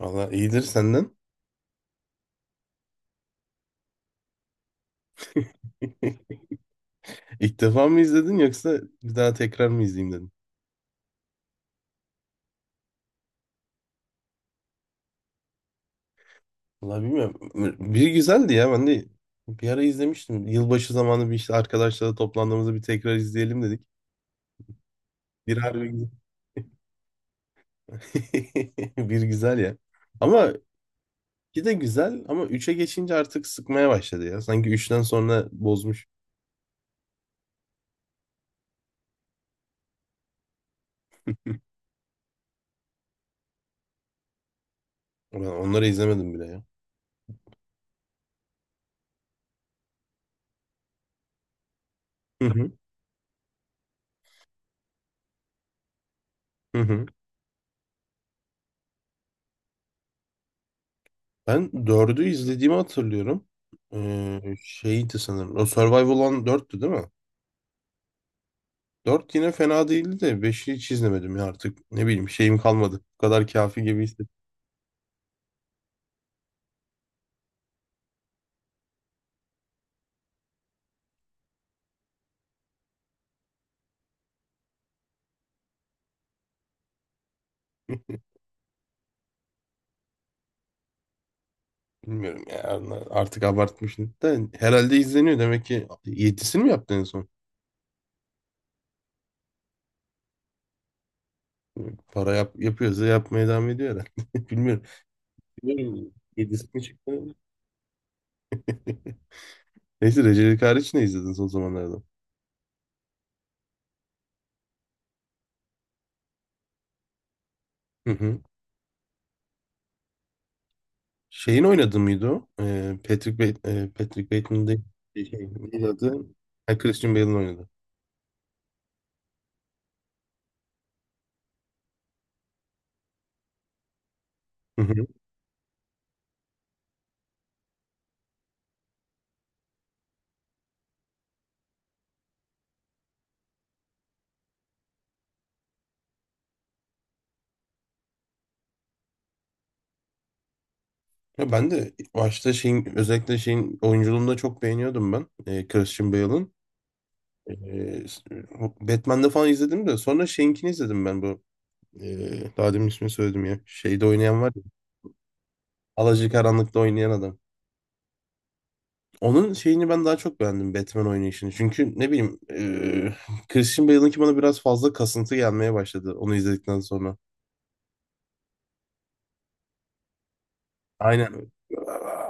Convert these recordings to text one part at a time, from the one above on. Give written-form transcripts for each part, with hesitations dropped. Valla iyidir senden. İlk defa mı izledin yoksa bir daha tekrar mı izleyeyim dedin? Valla bilmiyorum. Bir güzeldi ya ben de bir ara izlemiştim. Yılbaşı zamanı bir işte arkadaşlarla toplandığımızda bir tekrar izleyelim dedik. Bir harbi güzel. Bir güzel ya. Ama iki de güzel ama üçe geçince artık sıkmaya başladı ya. Sanki üçten sonra bozmuş. Ben onları izlemedim bile ya. Hı hı. Hı hı. Ben dördü izlediğimi hatırlıyorum. Şeydi sanırım. O Survival olan dörttü, değil mi? Dört yine fena değildi de beşi hiç izlemedim ya artık. Ne bileyim şeyim kalmadı. Bu kadar kafi gibi hissettim. Bilmiyorum ya artık abartmışım. Da herhalde izleniyor demek ki. Yedisini mi yaptı en son? Para yapıyorsa yapmaya devam ediyor herhalde. Bilmiyorum. Bilmiyorum. Yedisi mi çıktı? Neyse Recep hariç ne izledin son zamanlarda? Hı hı. Şeyin oynadı mıydı o? Patrick Bateman değil. Şey, neydi adı? Ha, Christian Bale'ın oynadı. Ya ben de başta şeyin özellikle şeyin oyunculuğunu da çok beğeniyordum ben. Christian Bale'ın. E, Batman'de falan izledim de sonra şeyinkini izledim ben bu. Daha demin ismini söyledim ya. Şeyde oynayan var ya. Alacakaranlık'ta oynayan adam. Onun şeyini ben daha çok beğendim Batman oynayışını. Çünkü ne bileyim Christian Bale'ınki bana biraz fazla kasıntı gelmeye başladı onu izledikten sonra. Aynen.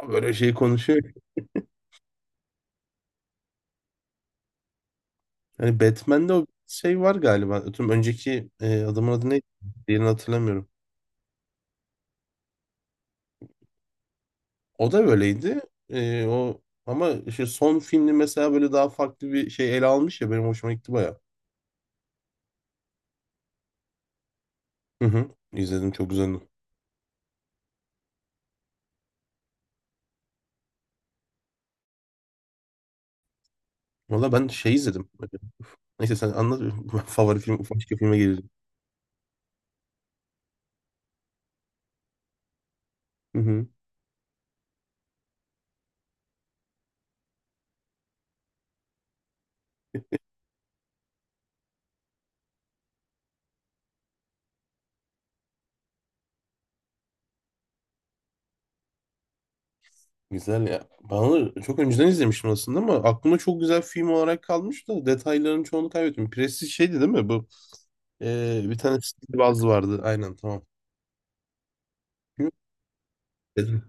Böyle şey konuşuyor. Yani Batman'de o şey var galiba. Tüm önceki adamın adı neydi? Diğerini hatırlamıyorum. O da böyleydi. O ama işte son filmi mesela böyle daha farklı bir şey ele almış ya benim hoşuma gitti baya. Hı hı. İzledim, çok güzeldi. Valla ben şey izledim. Neyse sen anlat. Ben favori film başka filme gelelim. Hı hı. Güzel ya. Ben onu çok önceden izlemiştim aslında ama aklımda çok güzel film olarak kalmış da detayların çoğunu kaybettim. Prestij şeydi, değil mi bu? Bir tane Steve Woz vardı. Aynen, tamam. Hı.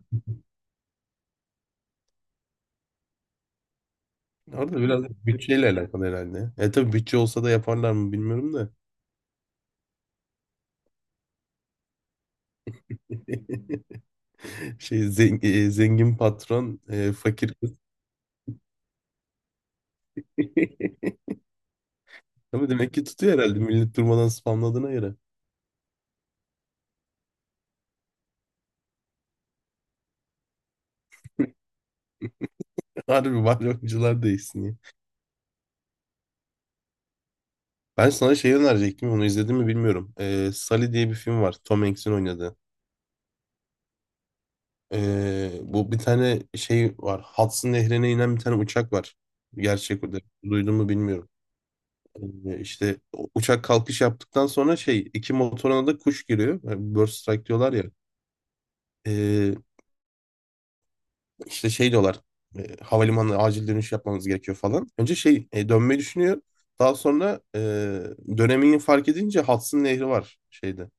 Orada biraz da bütçeyle alakalı herhalde. Tabii bütçe olsa da yaparlar mı bilmiyorum da. Şey zengin patron, fakir kız. Ama demek ki tutuyor herhalde, millet durmadan spamladığına göre. Harbi bari oyuncular değişsin ya. Ben sana şey önerecektim, onu izledim mi bilmiyorum. Sully diye bir film var, Tom Hanks'in oynadığı. Bu bir tane şey var. Hudson Nehri'ne inen bir tane uçak var. Gerçek o da. Duydun mu bilmiyorum. İşte uçak kalkış yaptıktan sonra şey iki motoruna da kuş giriyor. Yani bird strike diyorlar ya. Ee, işte şey diyorlar. Havalimanına acil dönüş yapmamız gerekiyor falan. Önce şey dönmeyi düşünüyor. Daha sonra dönemini fark edince Hudson Nehri var şeyde.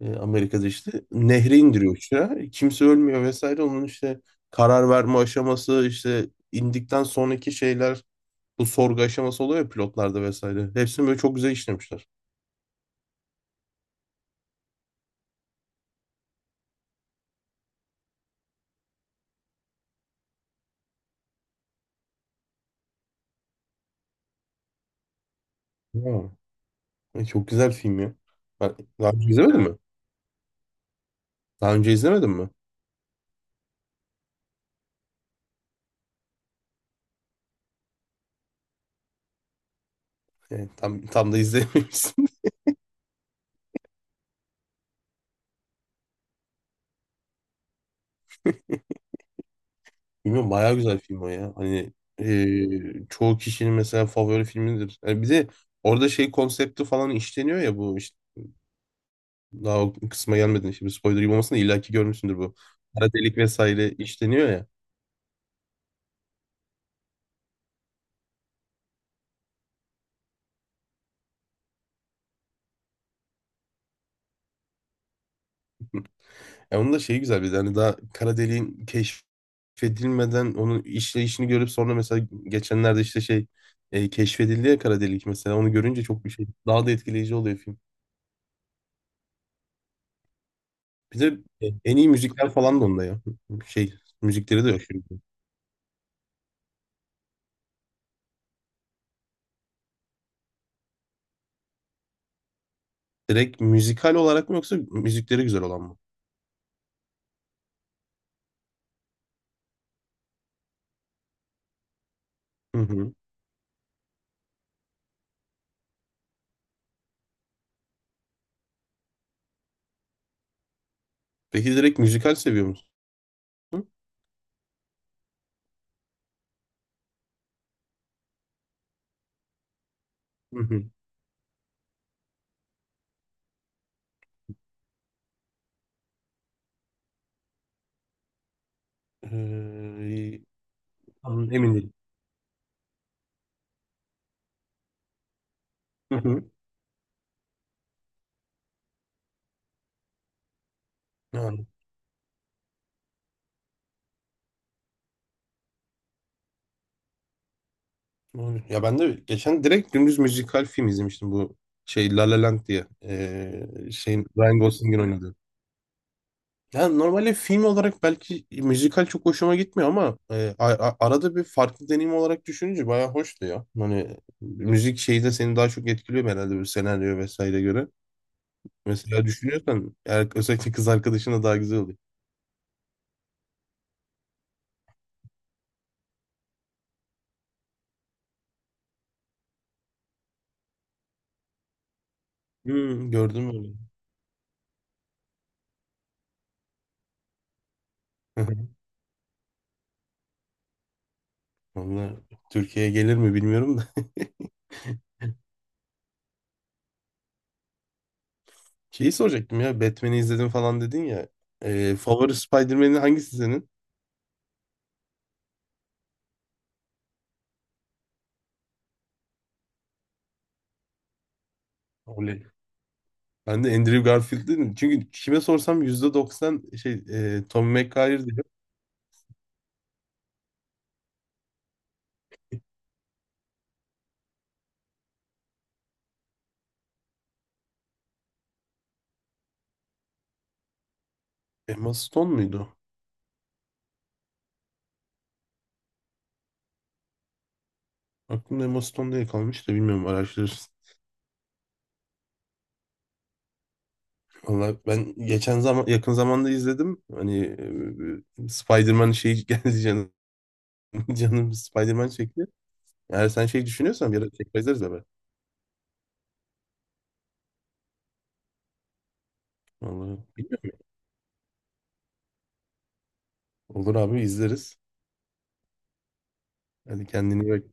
Amerika'da işte. Nehri indiriyor uçağı. Kimse ölmüyor vesaire. Onun işte karar verme aşaması işte indikten sonraki şeyler, bu sorgu aşaması oluyor ya pilotlarda vesaire. Hepsini böyle çok güzel işlemişler. Ya. Ay, çok güzel film ya. Ben daha önce izlemedin mi? Daha önce izlemedin mi? Yani tam da izlememişsin. Bilmiyorum, bayağı güzel film o ya. Hani çoğu kişinin mesela favori filmidir. Yani bir de orada şey konsepti falan işleniyor ya, bu işte daha o kısma gelmedin. Şimdi spoiler gibi olmasın da illaki görmüşsündür bu. Kara delik vesaire işleniyor ya. Ya onun da şeyi güzel, bir de hani daha kara deliğin keşfedilmeden onun işleyişini görüp sonra mesela geçenlerde işte şey keşfedildi ya kara delik, mesela onu görünce çok bir şey daha da etkileyici oluyor film. Bir de en iyi müzikler falan da onda ya. Şey müzikleri de yok şimdi. Direkt müzikal olarak mı yoksa müzikleri güzel olan mı? Hı hı. Peki direkt müzikal seviyor musun? Hı hı. Ee, tam emin değilim. Hı hı. Ha, doğru. Ya ben de geçen direkt dümdüz müzikal film izlemiştim, bu şey La La Land diye. Şeyin Ryan Gosling'in oynadığı. Yani normalde film olarak belki müzikal çok hoşuma gitmiyor ama arada bir farklı deneyim olarak düşününce bayağı hoştu ya. Hani müzik şeyi de seni daha çok etkiliyor herhalde bir senaryo vesaire göre. Mesela düşünüyorsan eğer özellikle kız arkadaşına daha güzel oluyor. Gördüm öyle. Vallahi Türkiye'ye gelir mi bilmiyorum da. Şeyi soracaktım ya, Batman'i izledim falan dedin ya. Favori Spider-Man'in hangisi senin? Oley. Ben de Andrew Garfield dedim. Çünkü kime sorsam %90 şey Tobey Maguire diyor. Emma Stone muydu? Aklımda Emma Stone diye kalmış da bilmiyorum, araştırırız. Valla ben geçen zaman yakın zamanda izledim. Hani Spider-Man şeyi geldi canım. Canım Spider-Man çekti. Eğer sen şey düşünüyorsan bir ara tekrar izleriz abi. Vallahi bilmiyorum. Olur abi izleriz. Hadi kendine iyi bak.